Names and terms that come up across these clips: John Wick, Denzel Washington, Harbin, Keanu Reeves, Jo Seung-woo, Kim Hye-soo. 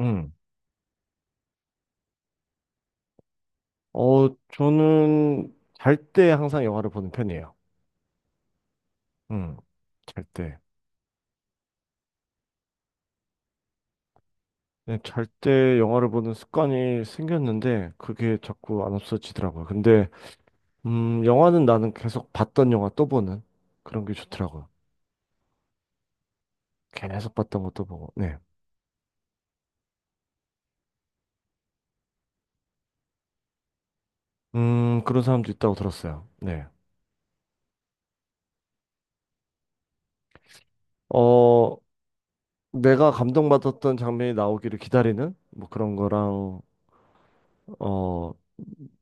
음. 어, 저는 잘 때 항상 영화를 보는 편이에요. 음. 잘 때. 네, 잘때 영화를 보는 습관이 생겼는데 그게 자꾸 안 없어지더라고요. 근데 영화는 나는 계속 봤던 영화 또 보는 그런 게 좋더라고요. 계속 봤던 것도 보고. 네. 그런 사람도 있다고 들었어요. 네. 어, 내가 감동받았던 장면이 나오기를 기다리는 뭐 그런 거랑 어,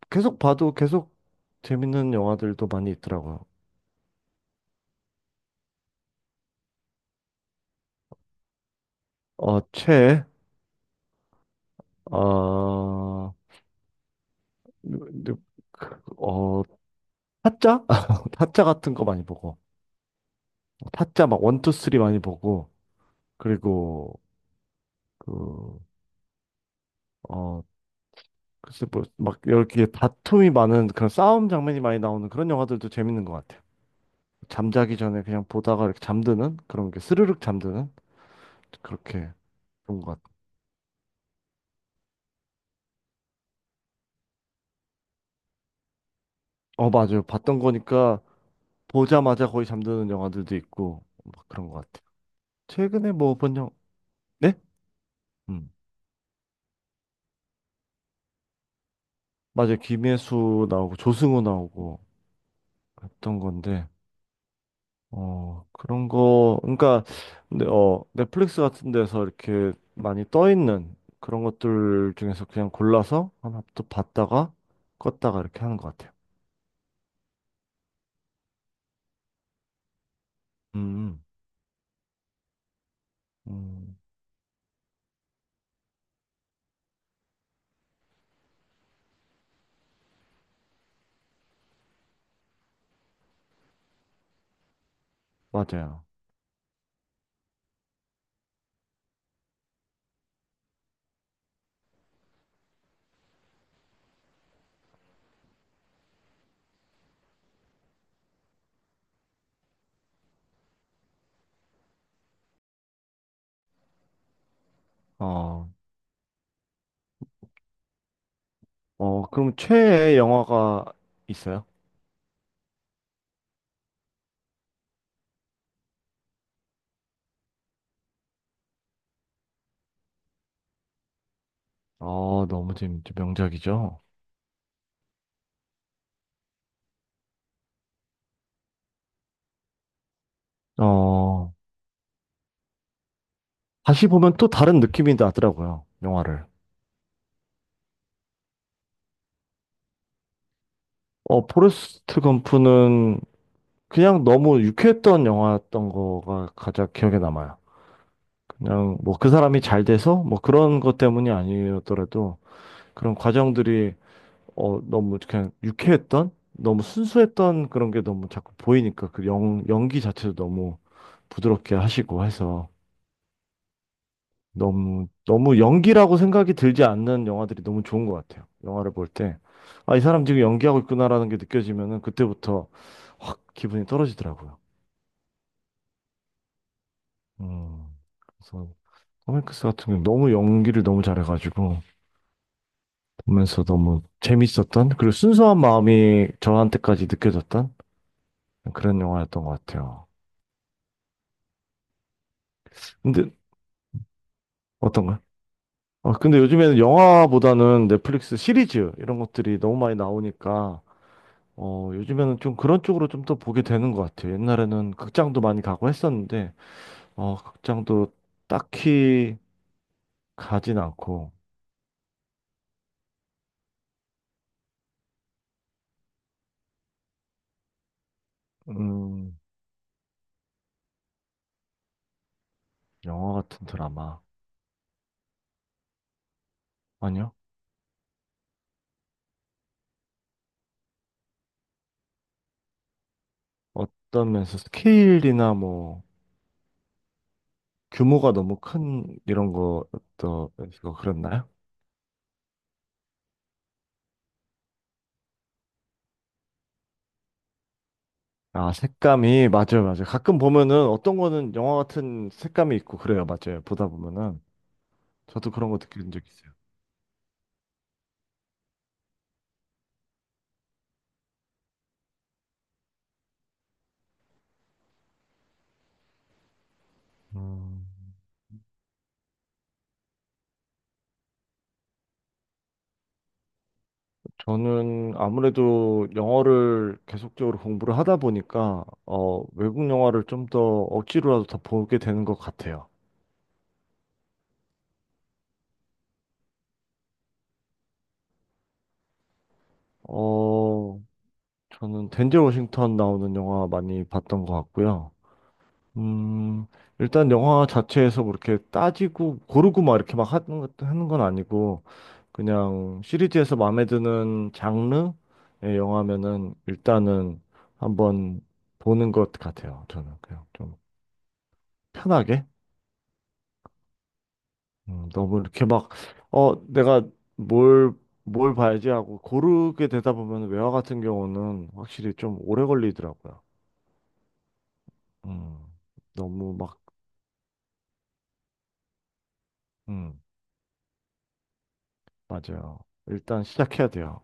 계속 봐도 계속 재밌는 영화들도 많이 있더라고요. 어, 최, 어, 누- 누- 그, 어, 타짜? 타짜 같은 거 많이 보고, 타짜 막 원, 투, 쓰리 많이 보고, 그리고, 그, 어, 글쎄 뭐, 막 이렇게 다툼이 많은 그런 싸움 장면이 많이 나오는 그런 영화들도 재밌는 것 같아요. 잠자기 전에 그냥 보다가 이렇게 잠드는 그런 게 스르륵 잠드는 그렇게 그런 것 같아요. 어, 맞아요. 봤던 거니까 보자마자 거의 잠드는 영화들도 있고, 막 그런 것 같아요. 최근에 뭐 본 영, 화 네? 음. 맞아요. 김혜수 나오고 조승우 나오고 했던 건데 어 그런 거 그러니까 근데 어 넷플릭스 같은 데서 이렇게 많이 떠 있는 그런 것들 중에서 그냥 골라서 하나 또 봤다가 껐다가 이렇게 하는 것 같아요. 음, 음, 맞아요. 어, 그럼 최애 영화가 있어요? 어, 너무 재밌죠. 명작이죠. 어, 다시 보면 또 다른 느낌이 나더라고요. 영화를. 어, 포레스트 검프는 그냥 너무 유쾌했던 영화였던 거가 가장 기억에 남아요. 그냥 뭐 그 사람이 잘 돼서 뭐 그런 것 때문이 아니었더라도 그런 과정들이 너무 그냥 유쾌했던 너무 순수했던 그런 게 너무 자꾸 보이니까 그 연기 자체도 너무 부드럽게 하시고 해서 너무 너무 연기라고 생각이 들지 않는 영화들이 너무 좋은 것 같아요. 영화를 볼 때. 아, 이 사람 지금 연기하고 있구나라는 게 느껴지면은 그때부터 확 기분이 떨어지더라고요. 음. 그래서 커밍크스 같은 경우 너무 연기를 너무 잘해가지고 보면서 너무 재밌었던 그리고 순수한 마음이 저한테까지 느껴졌던 그런 영화였던 것 같아요. 근데 어떤가요? 아, 근데 요즘에는 영화보다는 넷플릭스 시리즈 이런 것들이 너무 많이 나오니까 요즘에는 좀 그런 쪽으로 좀 더 보게 되는 것 같아요. 옛날에는 극장도 많이 가고 했었는데 어, 극장도 딱히 가진 않고. 음, 영화 같은 드라마. 아니요. 어떤 면에서 스케일이나 뭐 규모가 너무 큰 이런 것도 이거 그랬나요? 아, 색감이 맞아요, 맞아요. 가끔 보면은 어떤 거는 영화 같은 색감이 있고 그래요, 맞아요. 보다 보면은 저도 그런 거 느낀 적 있어요. 음, 저는 아무래도 영어를 계속적으로 공부를 하다 보니까 외국 영화를 좀 더 억지로라도 더 보게 되는 것 같아요. 어, 저는 덴젤 워싱턴 나오는 영화 많이 봤던 것 같고요. 음, 일단 영화 자체에서 그렇게 따지고 고르고 막 이렇게 막 하는 건 아니고 그냥 시리즈에서 마음에 드는 장르의 영화면은 일단은 한번 보는 것 같아요. 저는 그냥 좀 편하게. 너무 이렇게 막 내가 뭘 뭘 봐야지 하고 고르게 되다 보면 외화 같은 경우는 확실히 좀 오래 걸리더라고요. 음, 너무 막. 음, 맞아요. 일단 시작해야 돼요.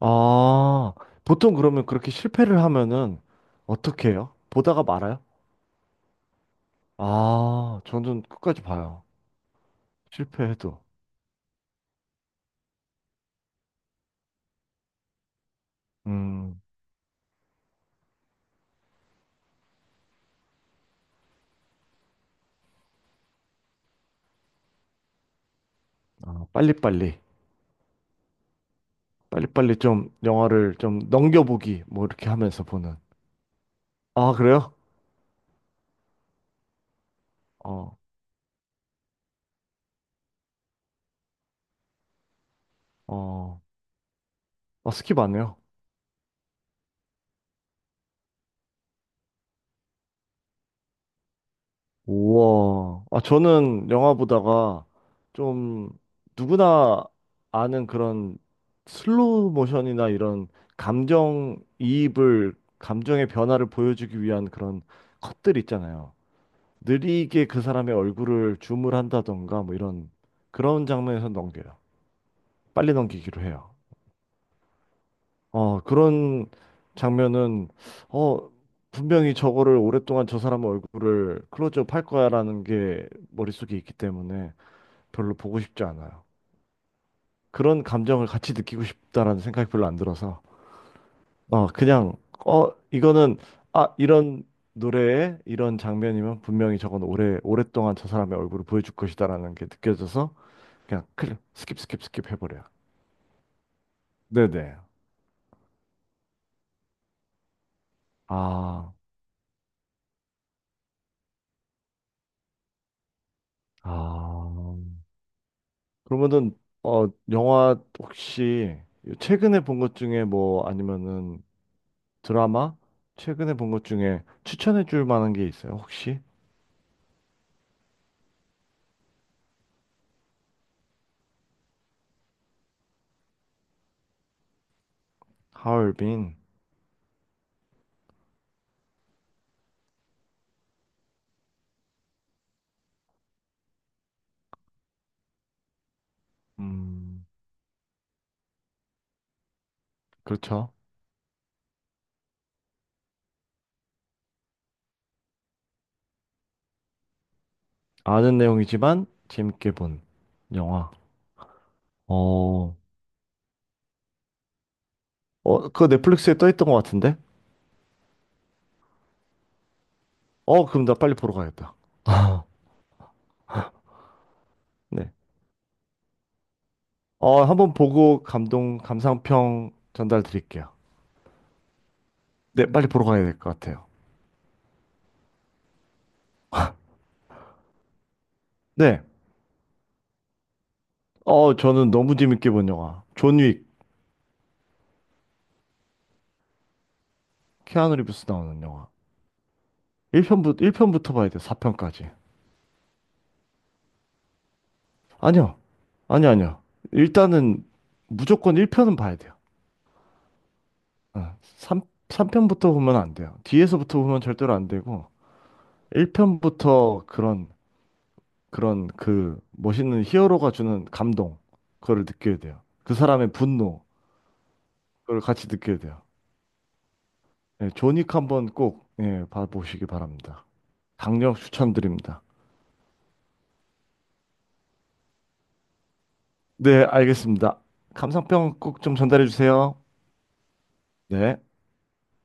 아, 보통 그러면 그렇게 실패를 하면은 어떻게 해요? 보다가 말아요? 아, 저는 끝까지 봐요. 실패해도. 음, 아, 빨리빨리. 빨리빨리 좀 영화를 좀 넘겨보기, 뭐 이렇게 하면서 보는. 아, 그래요? 어, 어, 아, 스킵 안 해요. 우와. 아, 저는 영화 보다가 좀 누구나 아는 그런 슬로우 모션이나 이런 감정의 변화를 보여주기 위한 그런 컷들 있잖아요. 느리게 그 사람의 얼굴을 줌을 한다던가 뭐 이런 그런 장면에서 넘겨요. 빨리 넘기기로 해요. 그런 장면은, 어, 분명히 저거를 오랫동안 저 사람 얼굴을 클로즈업 할 거야라는 게 머릿속에 있기 때문에 별로 보고 싶지 않아요. 그런 감정을 같이 느끼고 싶다라는 생각이 별로 안 들어서, 어, 그냥, 어, 이거는, 아, 이런 노래에 이런 장면이면 분명히 저건 오래, 오랫동안 저 사람의 얼굴을 보여줄 것이다라는 게 느껴져서 그냥 클릭, 스킵, 스킵, 스킵 해버려요. 네네. 아, 아. 영화 혹시 최근에 본 것 중에 뭐 아니면은 드라마? 최근에 본 것 중에 추천해 줄 만한 게 있어요, 혹시? 하얼빈. 음, 그렇죠. 아는 내용이지만 재밌게 본 영화. 어, 어, 그거 넷플릭스에 떠 있던 것 같은데? 어, 그럼 나 빨리 보러 가야겠다. 네. 어, 한번 보고 감동, 감상평 전달 드릴게요. 네, 빨리 보러 가야 될 것 같아요. 네. 어, 저는 너무 재밌게 본 영화. 존 윅, 키아누 리브스 나오는 영화. 일편부터 봐야 돼, 4편까지. 아니요. 아니요, 아니요. 일단은 무조건 1편은 봐야 돼요. 아, 3, 삼편부터 보면 안 돼요. 뒤에서부터 보면 절대로 안 되고, 1편부터 그런, 그런 그 멋있는 히어로가 주는 감동, 그거를 느껴야 돼요. 그 사람의 분노, 그걸 같이 느껴야 돼요. 예, 존윅 한번 꼭, 예, 봐보시기 바랍니다. 강력 추천드립니다. 네, 알겠습니다. 감상평 꼭 좀 전달해 주세요. 네.